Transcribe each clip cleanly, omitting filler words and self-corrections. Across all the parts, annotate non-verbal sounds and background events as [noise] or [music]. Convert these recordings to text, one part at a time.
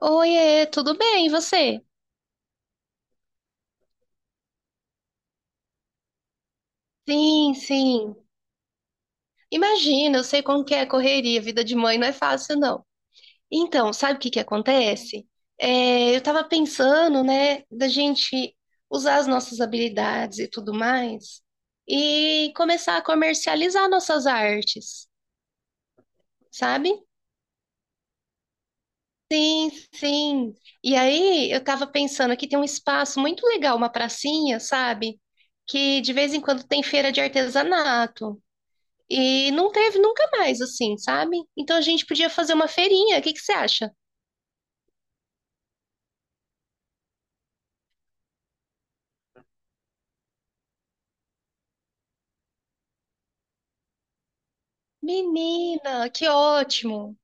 Oiê, tudo bem, e você? Sim, sim. Imagina, eu sei como que é a correria, vida de mãe não é fácil, não. Então, sabe o que que acontece? É, eu tava pensando, né, da gente usar as nossas habilidades e tudo mais e começar a comercializar nossas artes, sabe? Sim. E aí, eu tava pensando aqui tem um espaço muito legal, uma pracinha, sabe? Que de vez em quando tem feira de artesanato. E não teve nunca mais, assim, sabe? Então a gente podia fazer uma feirinha. O que que você acha? Menina, que ótimo!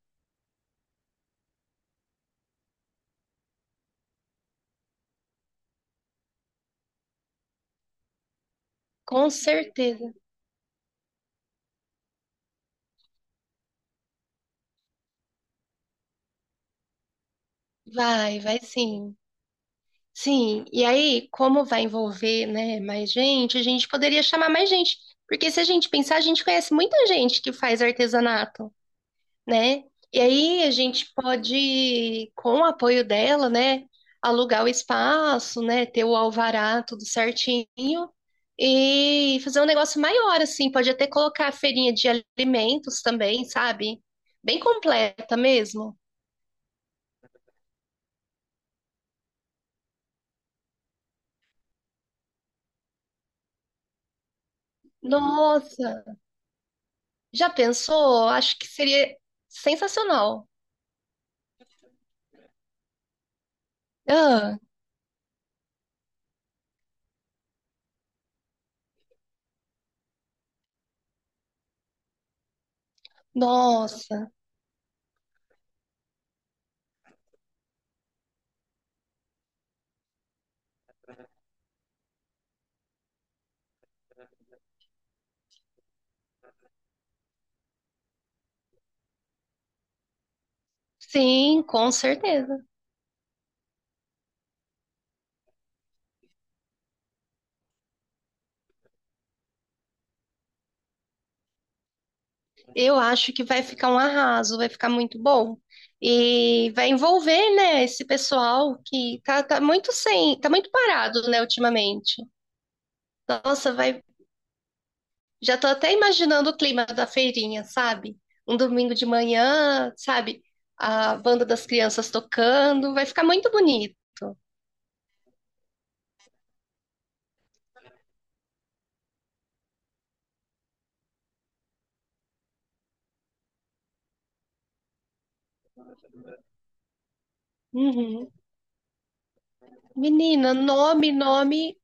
Com certeza. Vai, vai sim. Sim, e aí, como vai envolver, né, mais gente, a gente poderia chamar mais gente. Porque se a gente pensar, a gente conhece muita gente que faz artesanato. Né? E aí a gente pode, com o apoio dela, né, alugar o espaço, né, ter o alvará tudo certinho e fazer um negócio maior, assim, pode até colocar a feirinha de alimentos também, sabe? Bem completa mesmo. Nossa, já pensou? Acho que seria sensacional. Ah, nossa, sim, com certeza. Eu acho que vai ficar um arraso, vai ficar muito bom. E vai envolver, né, esse pessoal que tá, tá muito sem, tá muito parado, né, ultimamente. Nossa, vai, já tô até imaginando o clima da feirinha, sabe? Um domingo de manhã, sabe? A banda das crianças tocando, vai ficar muito bonito. Uhum. Menina, nome, nome,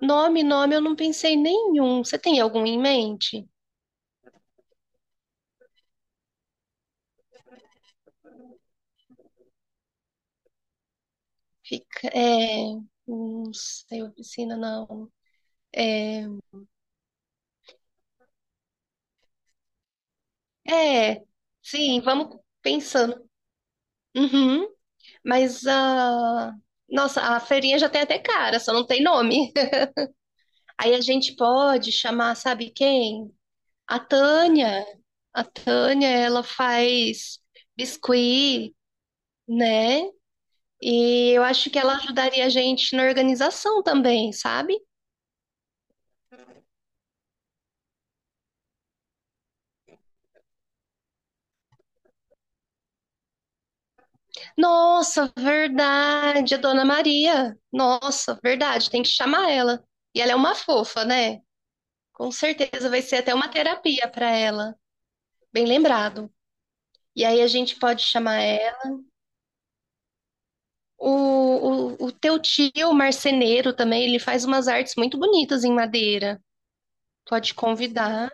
nome, nome, eu não pensei em nenhum. Você tem algum em mente? Fica, é, não sei, oficina, não. É, é, sim, vamos pensando. Uhum, mas a. Nossa, a feirinha já tem até cara, só não tem nome. [laughs] Aí a gente pode chamar, sabe quem? A Tânia. A Tânia, ela faz biscuit, né? E eu acho que ela ajudaria a gente na organização também, sabe? Nossa, verdade, a Dona Maria. Nossa, verdade, tem que chamar ela. E ela é uma fofa, né? Com certeza vai ser até uma terapia para ela, bem lembrado. E aí a gente pode chamar ela. O teu tio, o marceneiro também, ele faz umas artes muito bonitas em madeira. Pode convidar.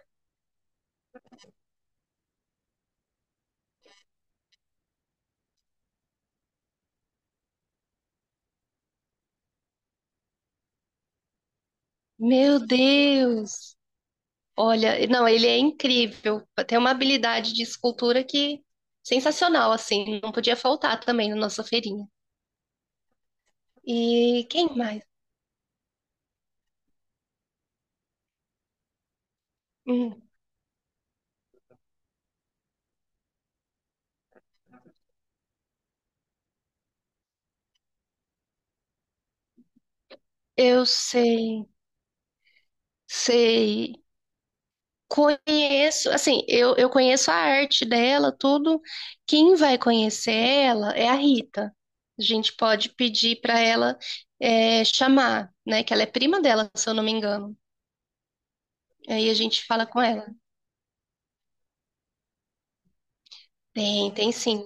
Meu Deus! Olha, não, ele é incrível. Tem uma habilidade de escultura que sensacional, assim. Não podia faltar também na nossa feirinha. E quem mais? Hum, eu sei, sei. Conheço, assim, eu conheço a arte dela, tudo. Quem vai conhecer ela é a Rita. A gente pode pedir para ela é, chamar, né? Que ela é prima dela, se eu não me engano. Aí a gente fala com ela. Tem, tem sim.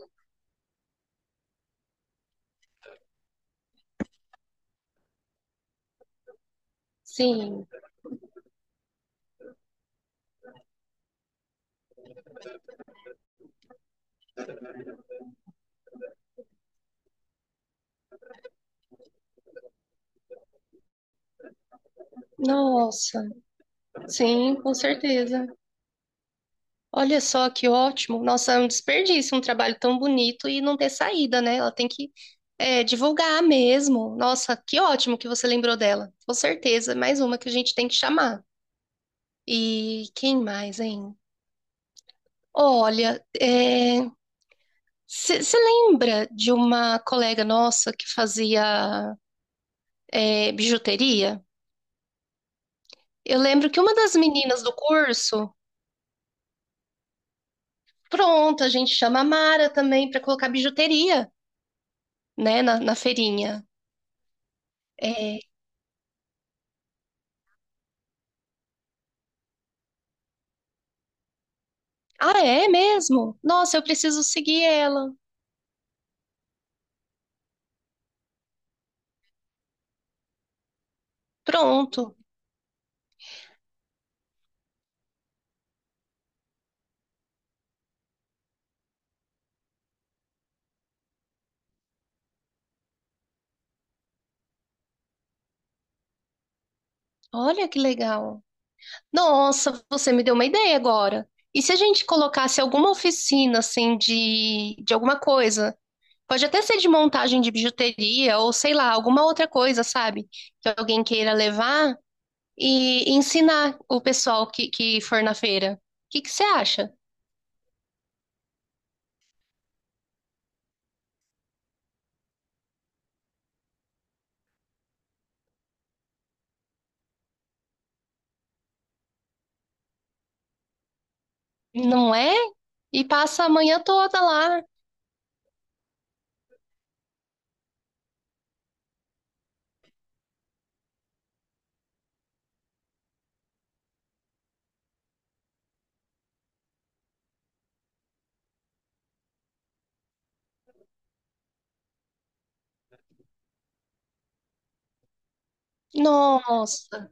Sim. Nossa, sim, com certeza. Olha só que ótimo. Nossa, é um desperdício, um trabalho tão bonito e não ter saída, né? Ela tem que é, divulgar mesmo. Nossa, que ótimo que você lembrou dela. Com certeza, é mais uma que a gente tem que chamar. E quem mais, hein? Olha, você lembra de uma colega nossa que fazia é, bijuteria? Eu lembro que uma das meninas do curso, pronto, a gente chama a Mara também para colocar bijuteria, né, na feirinha. É, ah, é mesmo? Nossa, eu preciso seguir ela. Pronto. Olha que legal. Nossa, você me deu uma ideia agora. E se a gente colocasse alguma oficina, assim, de alguma coisa? Pode até ser de montagem de bijuteria ou sei lá, alguma outra coisa, sabe? Que alguém queira levar e ensinar o pessoal que for na feira. O que que você acha? Não é? E passa a manhã toda lá. Nossa,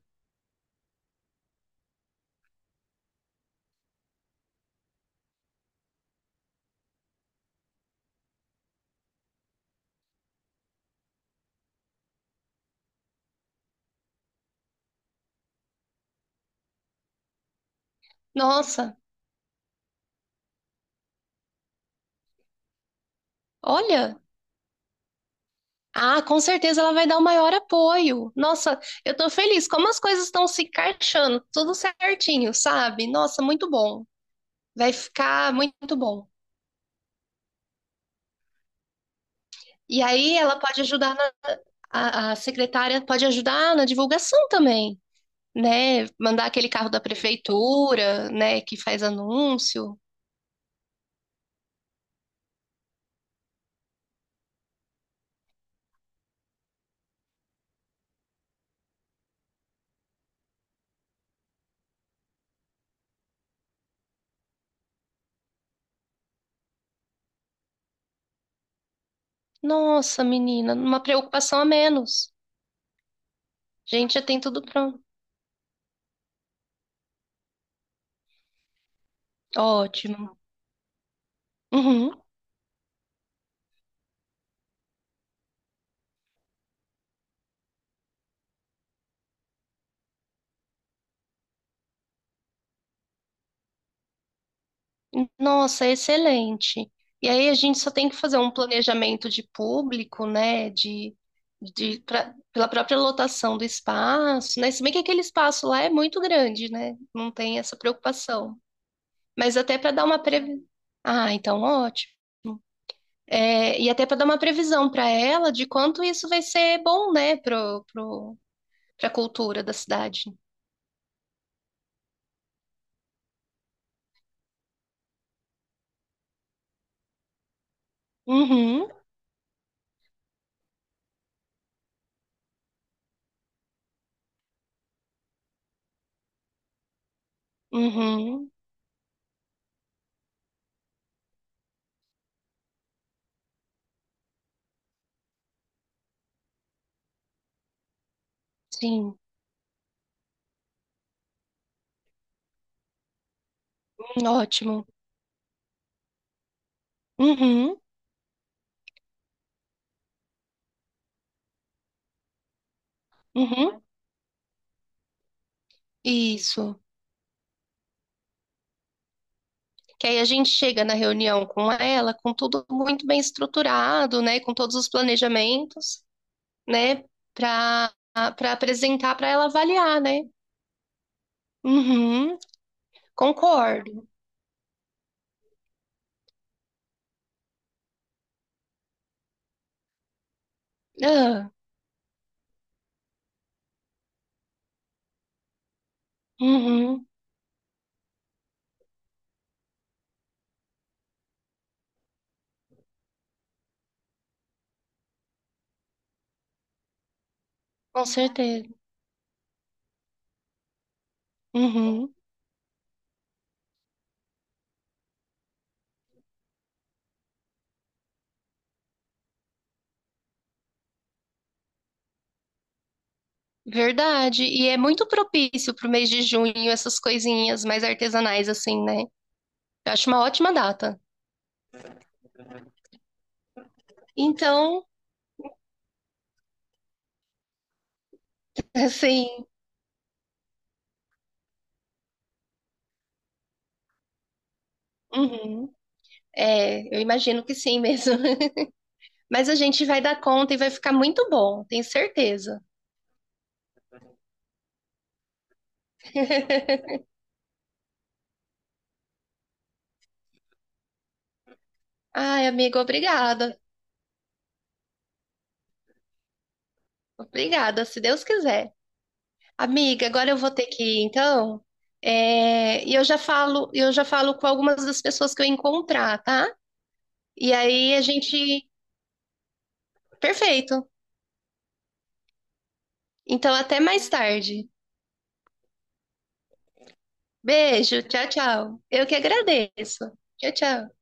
nossa, olha. Ah, com certeza ela vai dar o maior apoio. Nossa, eu tô feliz. Como as coisas estão se encaixando, tudo certinho, sabe? Nossa, muito bom. Vai ficar muito bom. E aí ela pode ajudar na, a secretária pode ajudar na divulgação também. Né? Mandar aquele carro da prefeitura, né? Que faz anúncio. Nossa, menina, uma preocupação a menos. A gente, já tem tudo pronto. Ótimo. Uhum. Nossa, excelente. E aí a gente só tem que fazer um planejamento de público, né? De pra- pela própria lotação do espaço, né? Se bem que aquele espaço lá é muito grande, né? Não tem essa preocupação. Mas até para dar uma previ... Ah, então ótimo. É, e até para dar uma previsão para ela de quanto isso vai ser bom, né, para a cultura da cidade. Uhum, uhum, sim, ótimo. Uhum, uhum, isso. Que aí a gente chega na reunião com ela, com tudo muito bem estruturado, né, com todos os planejamentos, né, para para apresentar para ela avaliar, né? Uhum, concordo. Ah, uhum, com certeza. Uhum. Verdade. E é muito propício pro mês de junho, essas coisinhas mais artesanais, assim, né? Eu acho uma ótima data. Então, [laughs] assim, uhum. É, eu imagino que sim mesmo. [laughs] Mas a gente vai dar conta e vai ficar muito bom, tenho certeza. Ai, amigo, obrigada. Obrigada, se Deus quiser. Amiga, agora eu vou ter que ir, então. É, e eu já falo com algumas das pessoas que eu encontrar, tá? E aí a gente. Perfeito. Então, até mais tarde. Beijo, tchau, tchau. Eu que agradeço. Tchau, tchau.